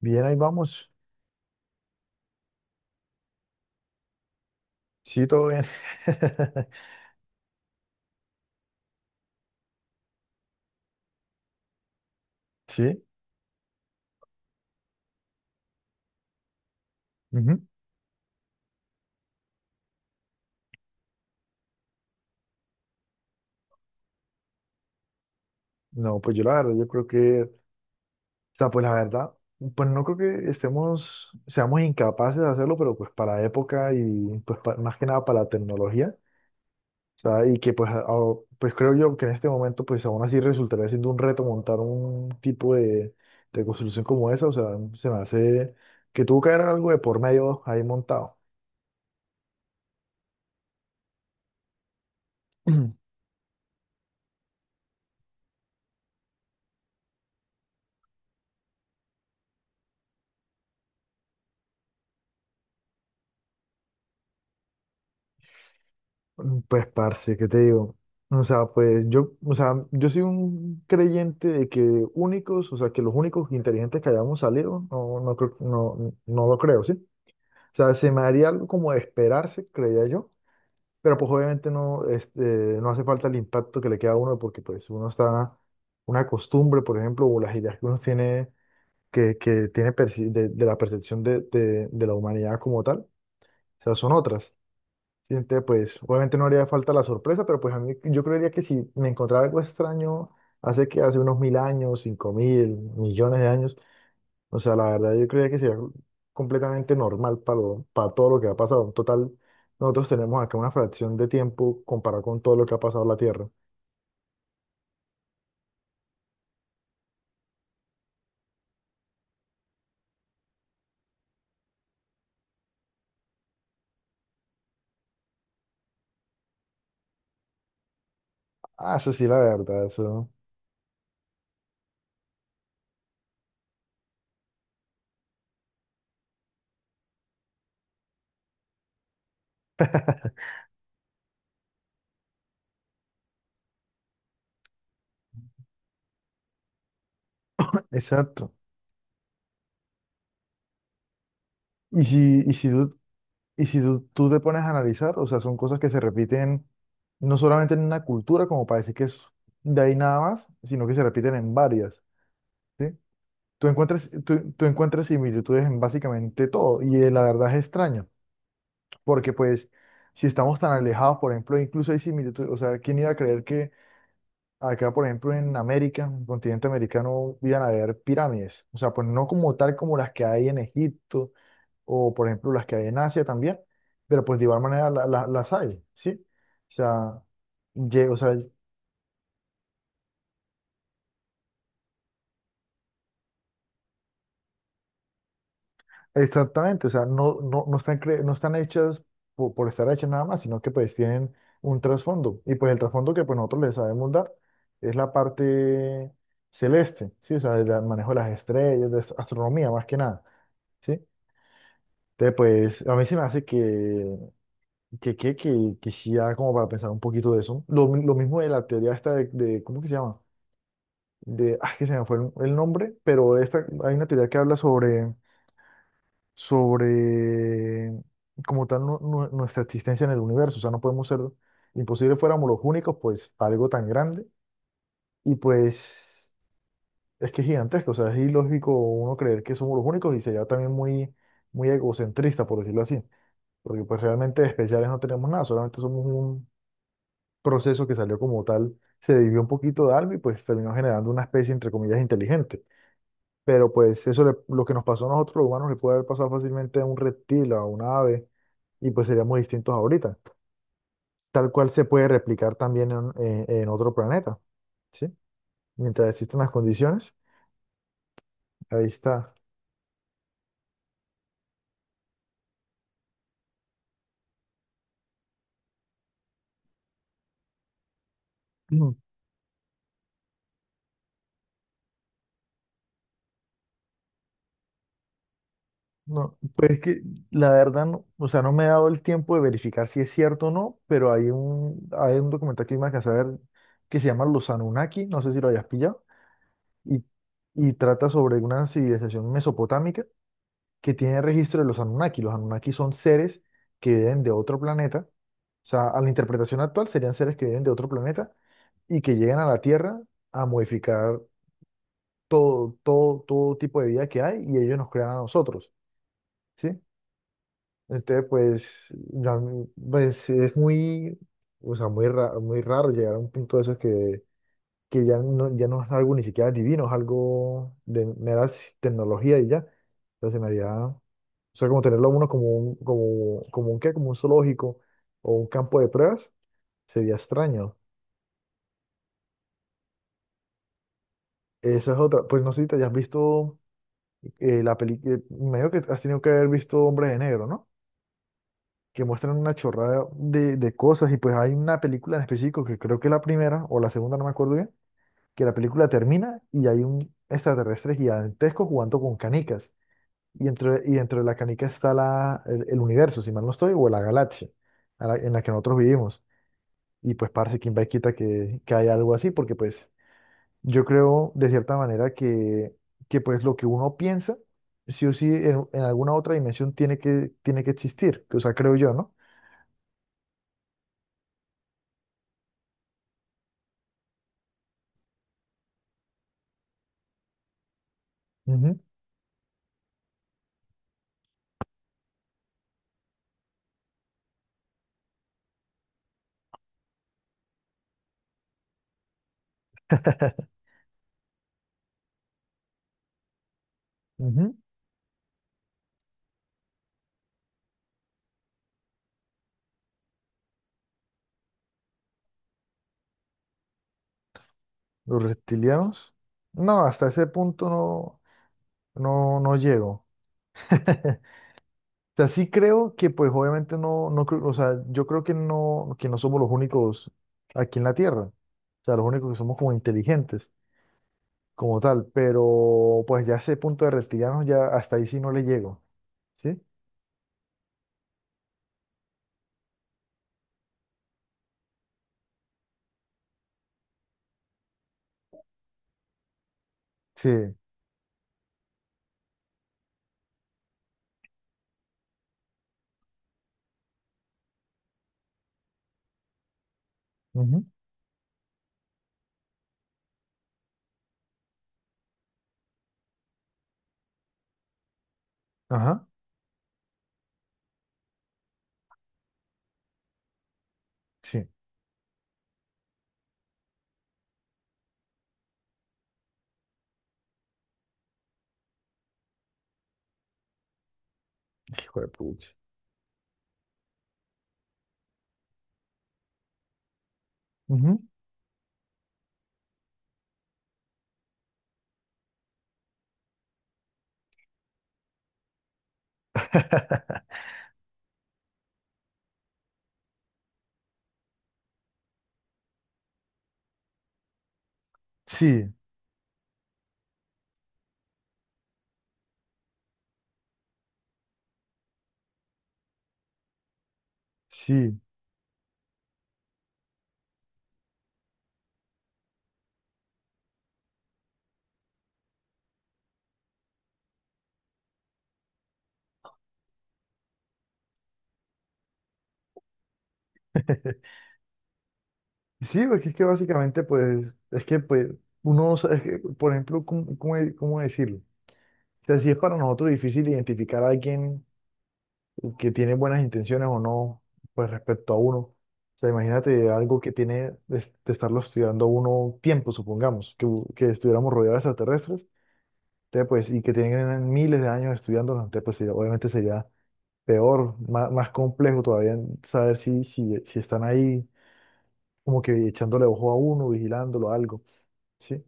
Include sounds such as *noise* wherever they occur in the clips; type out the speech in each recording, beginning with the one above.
Bien, ahí vamos. Sí, todo bien. *laughs* Sí. Ujú. No, pues yo la verdad, yo creo que, o sea, pues la verdad, pues no creo que estemos, seamos incapaces de hacerlo, pero pues para la época y pues más que nada para la tecnología, o sea, y que pues, pues creo yo que en este momento pues aún así resultaría siendo un reto montar un tipo de construcción como esa, o sea, se me hace que tuvo que haber algo de por medio ahí montado. *clears throat* Pues, parce, ¿qué te digo? O sea, pues yo, o sea, yo soy un creyente de que únicos, o sea, que los únicos inteligentes que hayamos salido, no, no, no, no lo creo, ¿sí? O sea, se me haría algo como de esperarse, creía yo, pero pues obviamente no, este, no hace falta el impacto que le queda a uno porque pues uno está, una costumbre, por ejemplo, o las ideas que uno tiene, que tiene de la percepción de la humanidad como tal, o sea, son otras. Sí, entonces, pues, obviamente no haría falta la sorpresa, pero pues a mí, yo creería que si me encontrara algo extraño hace unos mil años, cinco mil, millones de años, o sea, la verdad yo creería que sería completamente normal para, para todo lo que ha pasado. En total, nosotros tenemos acá una fracción de tiempo comparado con todo lo que ha pasado en la Tierra. Ah, eso sí, la verdad, eso. Exacto. Y si, y si, Y si tú te pones a analizar, o sea, son cosas que se repiten no solamente en una cultura, como para decir que es de ahí nada más, sino que se repiten en varias, ¿sí? Tú encuentras similitudes en básicamente todo, y la verdad es extraño, porque pues si estamos tan alejados, por ejemplo, incluso hay similitudes, o sea, ¿quién iba a creer que acá, por ejemplo, en América, en el continente americano, iban a haber pirámides? O sea, pues no como tal como las que hay en Egipto o por ejemplo las que hay en Asia también, pero pues de igual manera las hay, ¿sí? O sea, o sea, exactamente, o sea, no, no, no están, no están hechas por, estar hechas nada más, sino que pues tienen un trasfondo, y pues el trasfondo que pues nosotros les sabemos dar es la parte celeste, ¿sí? O sea, el manejo de las estrellas, de astronomía más que nada, ¿sí? Entonces, pues, a mí se me hace que, sí da como para pensar un poquito de eso. Lo mismo de la teoría esta de, ¿cómo que se llama? De, ah, que se me fue el nombre, pero esta, hay una teoría que habla sobre como tal nuestra existencia en el universo, o sea, no podemos ser, imposible fuéramos los únicos, pues, para algo tan grande, y pues, es que es gigantesco, o sea, es ilógico uno creer que somos los únicos y sería también muy, muy egocentrista, por decirlo así, porque pues realmente especiales no tenemos nada, solamente somos un proceso que salió como tal, se dividió un poquito de algo y pues terminó generando una especie, entre comillas, inteligente. Pero pues eso lo que nos pasó a nosotros los humanos le puede haber pasado fácilmente a un reptil, a un ave, y pues seríamos distintos ahorita. Tal cual se puede replicar también en, en otro planeta, ¿sí? Mientras existan las condiciones, ahí está. Mm, No, pues es que la verdad, no, o sea, no me he dado el tiempo de verificar si es cierto o no, pero hay un documental que me alcancé a ver que se llama Los Anunnaki, no sé si lo hayas pillado, y, y trata sobre una civilización mesopotámica que tiene registro de los Anunnaki. Los Anunnaki son seres que viven de otro planeta. O sea, a la interpretación actual serían seres que viven de otro planeta y que llegan a la Tierra a modificar todo, todo, todo tipo de vida que hay y ellos nos crean a nosotros, ¿sí? Entonces, pues, ya, pues es muy, o sea, muy, muy raro llegar a un punto de esos que ya no, ya no es algo ni siquiera divino, es algo de mera tecnología y ya. Entonces se me haría, o sea, como tenerlo a uno como un, como, como un qué, como un zoológico o un campo de pruebas, sería extraño. Esa es otra, pues no sé si te hayas visto la película, medio que has tenido que haber visto Hombres de Negro, ¿no? Que muestran una chorrada de cosas y pues hay una película en específico que creo que es la primera o la segunda, no me acuerdo bien, que la película termina y hay un extraterrestre gigantesco jugando con canicas. Y dentro de la canica está el universo, si mal no estoy, o la galaxia en la que nosotros vivimos. Y pues parce, quién va y quita que, hay algo así, porque pues yo creo de cierta manera que, pues lo que uno piensa, sí o sí, en, alguna otra dimensión tiene que existir, que, o sea, creo yo, ¿no? Ujú. *laughs* Ujú. Los reptilianos, no, hasta ese punto no, no, no llego. *laughs* Sea, sí creo que pues obviamente no, no creo, o sea, yo creo que no somos los únicos aquí en la Tierra, o sea, los únicos que somos como inteligentes, como tal, pero pues ya ese punto de reptilianos ya hasta ahí sí no le llego, ¿sí? Sí, ujú, ajá, sí, hijo de pucha. Ujú. *laughs* Sí, sí. *laughs* Sí, porque es que básicamente, pues, es que, pues, uno, no sabe- es que, por ejemplo, cómo decirlo? O sea, si es para nosotros difícil identificar a alguien que tiene buenas intenciones o no, pues respecto a uno. O sea, imagínate algo que tiene de estarlo estudiando uno tiempo, supongamos, que, que estuviéramos rodeados de extraterrestres, entonces, pues, y que tienen miles de años estudiándonos, entonces, pues, obviamente sería peor, más, más complejo todavía saber si están ahí como que echándole ojo a uno, vigilándolo, algo, ¿sí?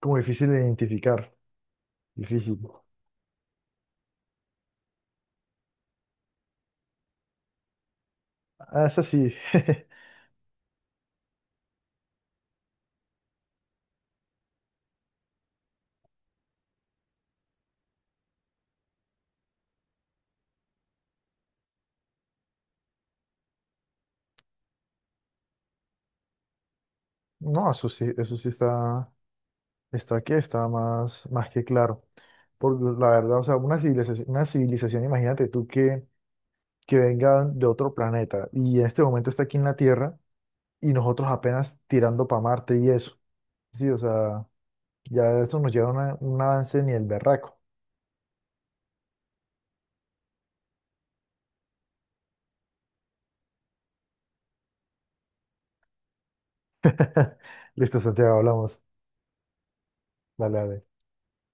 Como difícil de identificar, difícil. Ah, eso sí, *laughs* no, eso sí está, aquí, está más, más que claro. Porque pues, la verdad, o sea, una civilización, imagínate tú que, venga de otro planeta y en este momento está aquí en la Tierra y nosotros apenas tirando para Marte y eso. Sí, o sea, ya eso nos lleva a un avance ni el berraco. *laughs* Listo, Santiago, hablamos. Dale, dale.